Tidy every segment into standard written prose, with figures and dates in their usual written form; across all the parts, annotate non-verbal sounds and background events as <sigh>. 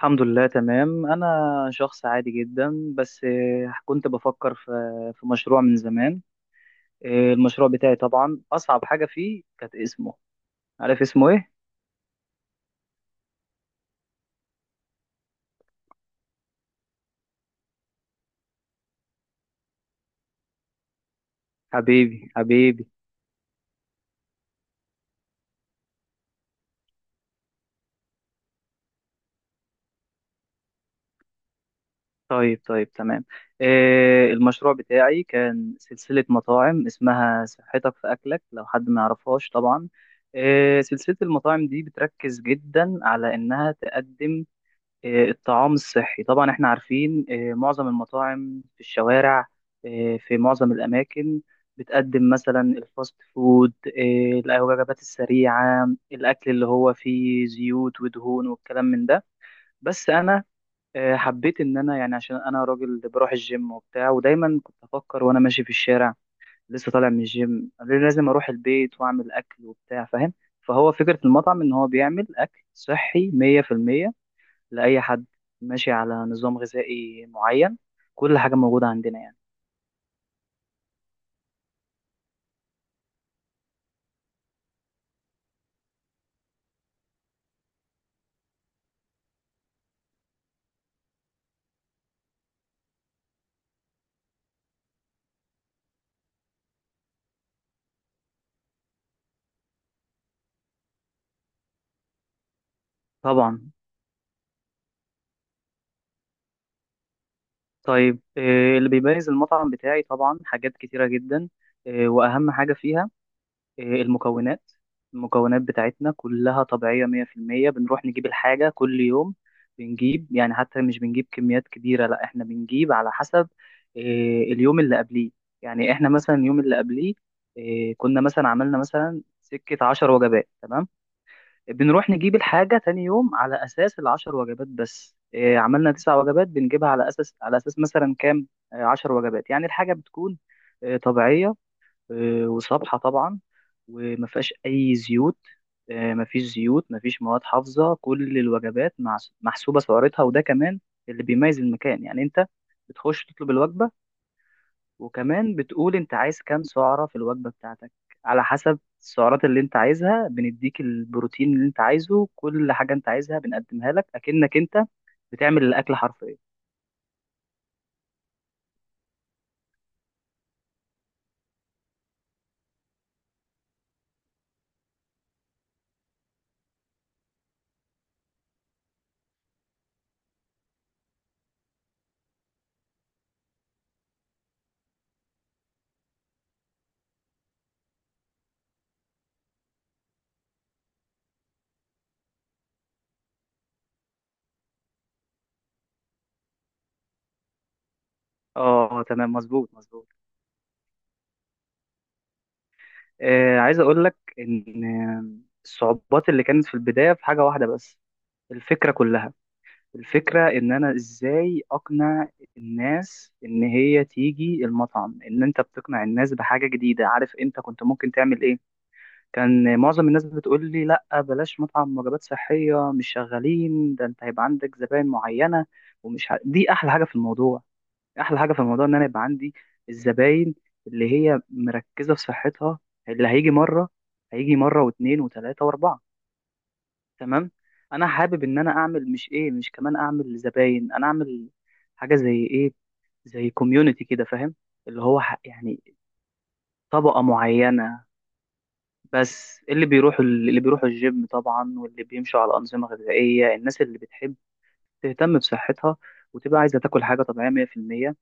الحمد لله، تمام. أنا شخص عادي جدا بس كنت بفكر في مشروع من زمان. المشروع بتاعي طبعا أصعب حاجة فيه كانت اسمه. عارف اسمه إيه؟ حبيبي حبيبي. طيب طيب، تمام. المشروع بتاعي كان سلسلة مطاعم اسمها صحتك في أكلك، لو حد ما يعرفهاش طبعا. سلسلة المطاعم دي بتركز جدا على إنها تقدم الطعام الصحي. طبعا احنا عارفين معظم المطاعم في الشوارع، في معظم الأماكن، بتقدم مثلا الفاست فود، الوجبات السريعة، الأكل اللي هو فيه زيوت ودهون والكلام من ده. بس أنا حبيت إن أنا، يعني عشان أنا راجل بروح الجيم وبتاع، ودايما كنت أفكر وأنا ماشي في الشارع لسه طالع من الجيم لازم أروح البيت وأعمل أكل وبتاع، فاهم؟ فهو فكرة المطعم إن هو بيعمل أكل صحي 100% لأي حد ماشي على نظام غذائي معين. كل حاجة موجودة عندنا يعني. طبعا. طيب، اللي بيميز المطعم بتاعي طبعا حاجات كتيرة جدا. وأهم حاجة فيها آه، المكونات المكونات بتاعتنا كلها طبيعية 100%. بنروح نجيب الحاجة كل يوم، بنجيب يعني، حتى مش بنجيب كميات كبيرة، لا احنا بنجيب على حسب آه، اليوم اللي قبليه. يعني احنا مثلا اليوم اللي قبليه كنا مثلا عملنا مثلا سكة عشر وجبات، تمام؟ بنروح نجيب الحاجة تاني يوم على أساس العشر وجبات. بس إيه، عملنا تسع وجبات بنجيبها على أساس مثلا كام؟ عشر وجبات. يعني الحاجة بتكون طبيعية وصبحة طبعا، وما فيهاش أي زيوت. ما فيش زيوت، ما فيش مواد حافظة. كل الوجبات محسوبة سعرتها، وده كمان اللي بيميز المكان. يعني أنت بتخش تطلب الوجبة، وكمان بتقول انت عايز كام سعرة في الوجبة بتاعتك، على حسب السعرات اللي انت عايزها بنديك البروتين اللي انت عايزه، كل حاجة انت عايزها بنقدمها لك اكنك انت بتعمل الاكل حرفيا. اه تمام، مظبوط مظبوط. عايز اقول لك ان الصعوبات اللي كانت في البداية في حاجة واحدة بس، الفكرة كلها. الفكرة ان انا ازاي اقنع الناس ان هي تيجي المطعم، ان انت بتقنع الناس بحاجة جديدة. عارف انت كنت ممكن تعمل ايه؟ كان معظم الناس بتقول لي لا بلاش مطعم وجبات صحية، مش شغالين ده، انت هيبقى عندك زباين معينة. دي احلى حاجة في الموضوع ان انا يبقى عندي الزباين اللي هي مركزة في صحتها، اللي هيجي مرة واثنين وثلاثة واربعة. تمام. انا حابب ان انا اعمل، مش ايه، مش كمان اعمل زباين، انا اعمل حاجة زي ايه، زي كوميونيتي كده، فاهم؟ اللي هو يعني طبقة معينة، بس اللي بيروحوا الجيم طبعا، واللي بيمشوا على أنظمة غذائية، الناس اللي بتحب تهتم بصحتها، وتبقى عايزة تاكل حاجة طبيعية 100%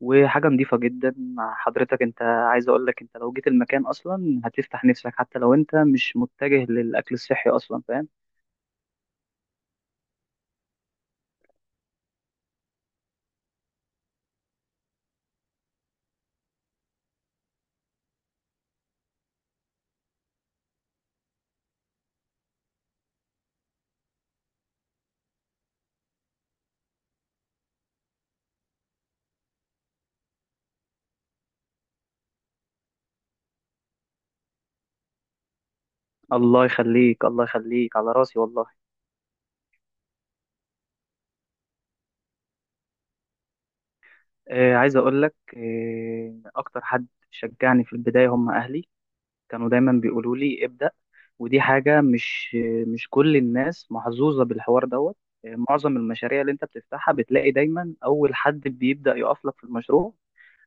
وحاجة نظيفة جدا. مع حضرتك، انت عايز اقول لك انت لو جيت المكان اصلا هتفتح نفسك حتى لو انت مش متجه للأكل الصحي اصلا، فاهم؟ الله يخليك الله يخليك، على راسي والله. عايز اقول لك اكتر حد شجعني في البداية هم اهلي. كانوا دايما بيقولوا لي ابدأ، ودي حاجة مش كل الناس محظوظة بالحوار دوت. معظم المشاريع اللي انت بتفتحها بتلاقي دايما اول حد بيبدأ يقف لك في المشروع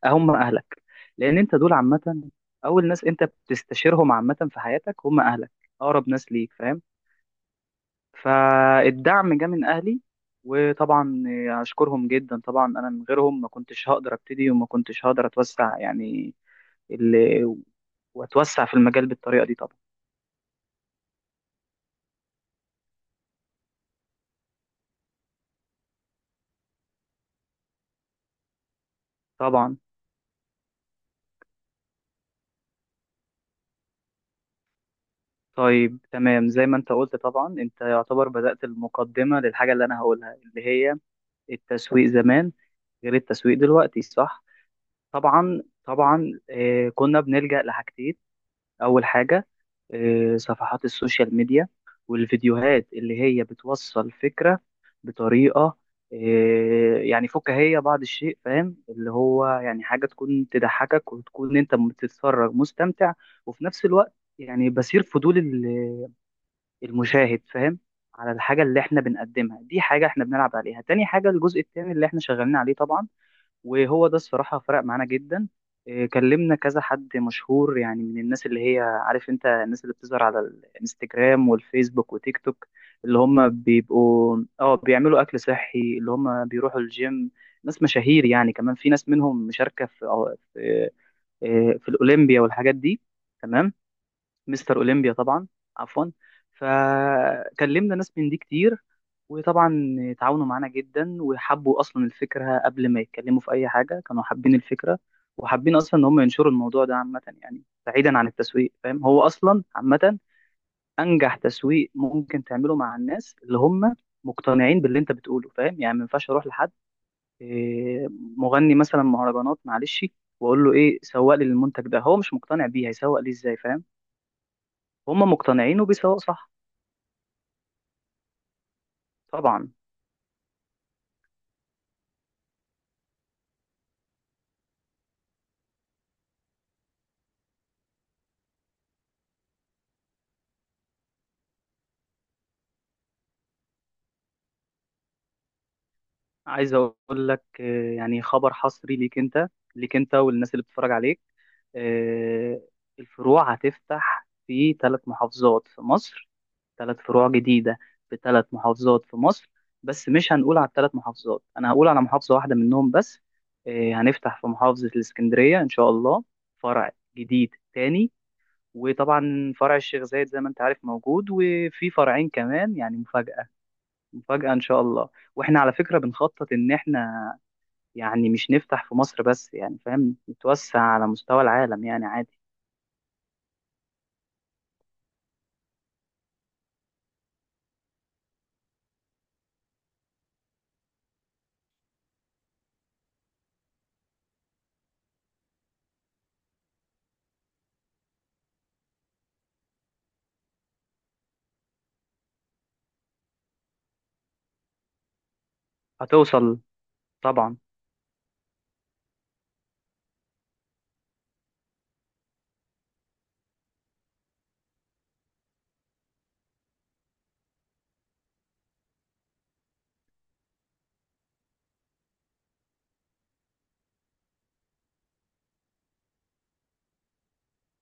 هم اهلك، لان انت دول عامة اول ناس انت بتستشيرهم عامة في حياتك هم اهلك، اقرب ناس ليك، فاهم؟ فالدعم جه من اهلي، وطبعا اشكرهم جدا. طبعا انا من غيرهم ما كنتش هقدر ابتدي وما كنتش هقدر اتوسع يعني. ال- واتوسع في المجال بالطريقة دي طبعا. طبعا، طيب، تمام. زي ما انت قلت، طبعا انت يعتبر بدأت المقدمة للحاجة اللي انا هقولها اللي هي التسويق زمان غير التسويق دلوقتي، صح؟ طبعا طبعا. كنا بنلجأ لحاجتين. اول حاجة صفحات السوشيال ميديا، والفيديوهات اللي هي بتوصل فكرة بطريقة يعني فكاهية بعض الشيء، فاهم؟ اللي هو يعني حاجة تكون تضحكك وتكون انت بتتفرج مستمتع، وفي نفس الوقت يعني بصير فضول المشاهد، فاهم؟ على الحاجة اللي احنا بنقدمها. دي حاجة احنا بنلعب عليها. تاني حاجة، الجزء التاني اللي احنا شغالين عليه طبعا، وهو ده الصراحة فرق معانا جدا. إيه، كلمنا كذا حد مشهور. يعني من الناس اللي هي، عارف انت، الناس اللي بتظهر على الانستجرام والفيسبوك وتيك توك، اللي هم بيبقوا اه بيعملوا اكل صحي، اللي هم بيروحوا الجيم، ناس مشاهير يعني. كمان في ناس منهم مشاركة في الاولمبيا والحاجات دي، تمام. مستر اولمبيا طبعا، عفوا. فكلمنا ناس من دي كتير، وطبعا تعاونوا معانا جدا، وحبوا اصلا الفكره قبل ما يتكلموا في اي حاجه، كانوا حابين الفكره، وحابين اصلا ان هم ينشروا الموضوع ده عامه يعني، بعيدا عن التسويق، فاهم؟ هو اصلا عامه انجح تسويق ممكن تعمله مع الناس اللي هم مقتنعين باللي انت بتقوله، فاهم؟ يعني ما ينفعش اروح لحد إيه، مغني مثلا مهرجانات، معلش، واقول له ايه سوق لي المنتج ده، هو مش مقتنع بيه هيسوق ليه ازاي، فاهم؟ هم مقتنعين وبيسوقوا صح. طبعا. عايز اقول لك يعني خبر حصري ليك انت، ليك انت والناس اللي بتتفرج عليك. آه، الفروع هتفتح في ثلاث محافظات في مصر، ثلاث فروع جديدة، في ثلاث محافظات في مصر. بس مش هنقول على الثلاث محافظات، انا هقول على محافظة واحدة منهم بس. هنفتح في محافظة الاسكندرية ان شاء الله، فرع جديد تاني. وطبعا فرع الشيخ زايد زي ما انت عارف موجود، وفي فرعين كمان يعني، مفاجأة. مفاجأة إن شاء الله. وإحنا على فكرة بنخطط إن إحنا يعني مش نفتح في مصر بس يعني، فاهم؟ نتوسع على مستوى العالم يعني، عادي. هتوصل طبعا.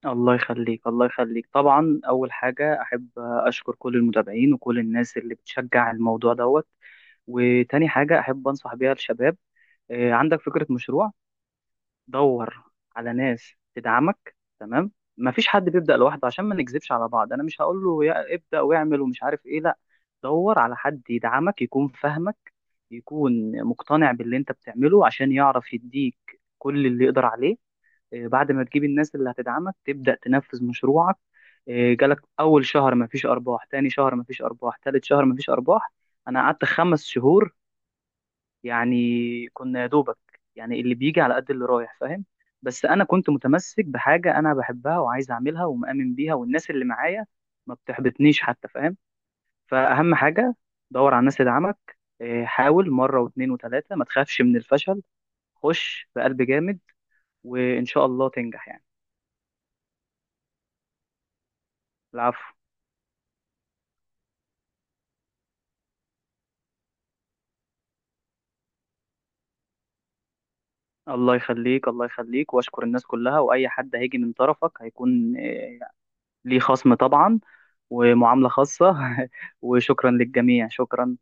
الله يخليك الله يخليك. طبعا أول حاجة أحب أشكر كل المتابعين وكل الناس اللي بتشجع الموضوع دوت. وتاني حاجة أحب أنصح بيها الشباب، إيه، عندك فكرة مشروع، دور على ناس تدعمك، تمام. مفيش حد بيبدأ لوحده، عشان ما نكذبش على بعض انا مش هقول له يا ابدأ واعمل ومش عارف ايه، لا. دور على حد يدعمك، يكون فاهمك، يكون مقتنع باللي انت بتعمله عشان يعرف يديك كل اللي يقدر عليه. بعد ما تجيب الناس اللي هتدعمك تبدأ تنفذ مشروعك. جالك اول شهر مفيش ارباح، تاني شهر مفيش ارباح، تالت شهر مفيش ارباح. انا قعدت 5 شهور يعني، كنا يا دوبك يعني، اللي بيجي على قد اللي رايح، فاهم؟ بس انا كنت متمسك بحاجه انا بحبها وعايز اعملها ومؤمن بيها، والناس اللي معايا ما بتحبطنيش حتى، فاهم؟ فاهم حاجه، دور على الناس اللي دعمك. إيه، حاول مره واتنين وتلاته، ما تخافش من الفشل، خش بقلب جامد، وان شاء الله تنجح يعني. العفو. الله يخليك الله يخليك، واشكر الناس كلها، واي حد هيجي من طرفك هيكون إيه، ليه خصم طبعا ومعامله خاصه. <laughs> وشكرا للجميع، شكرا.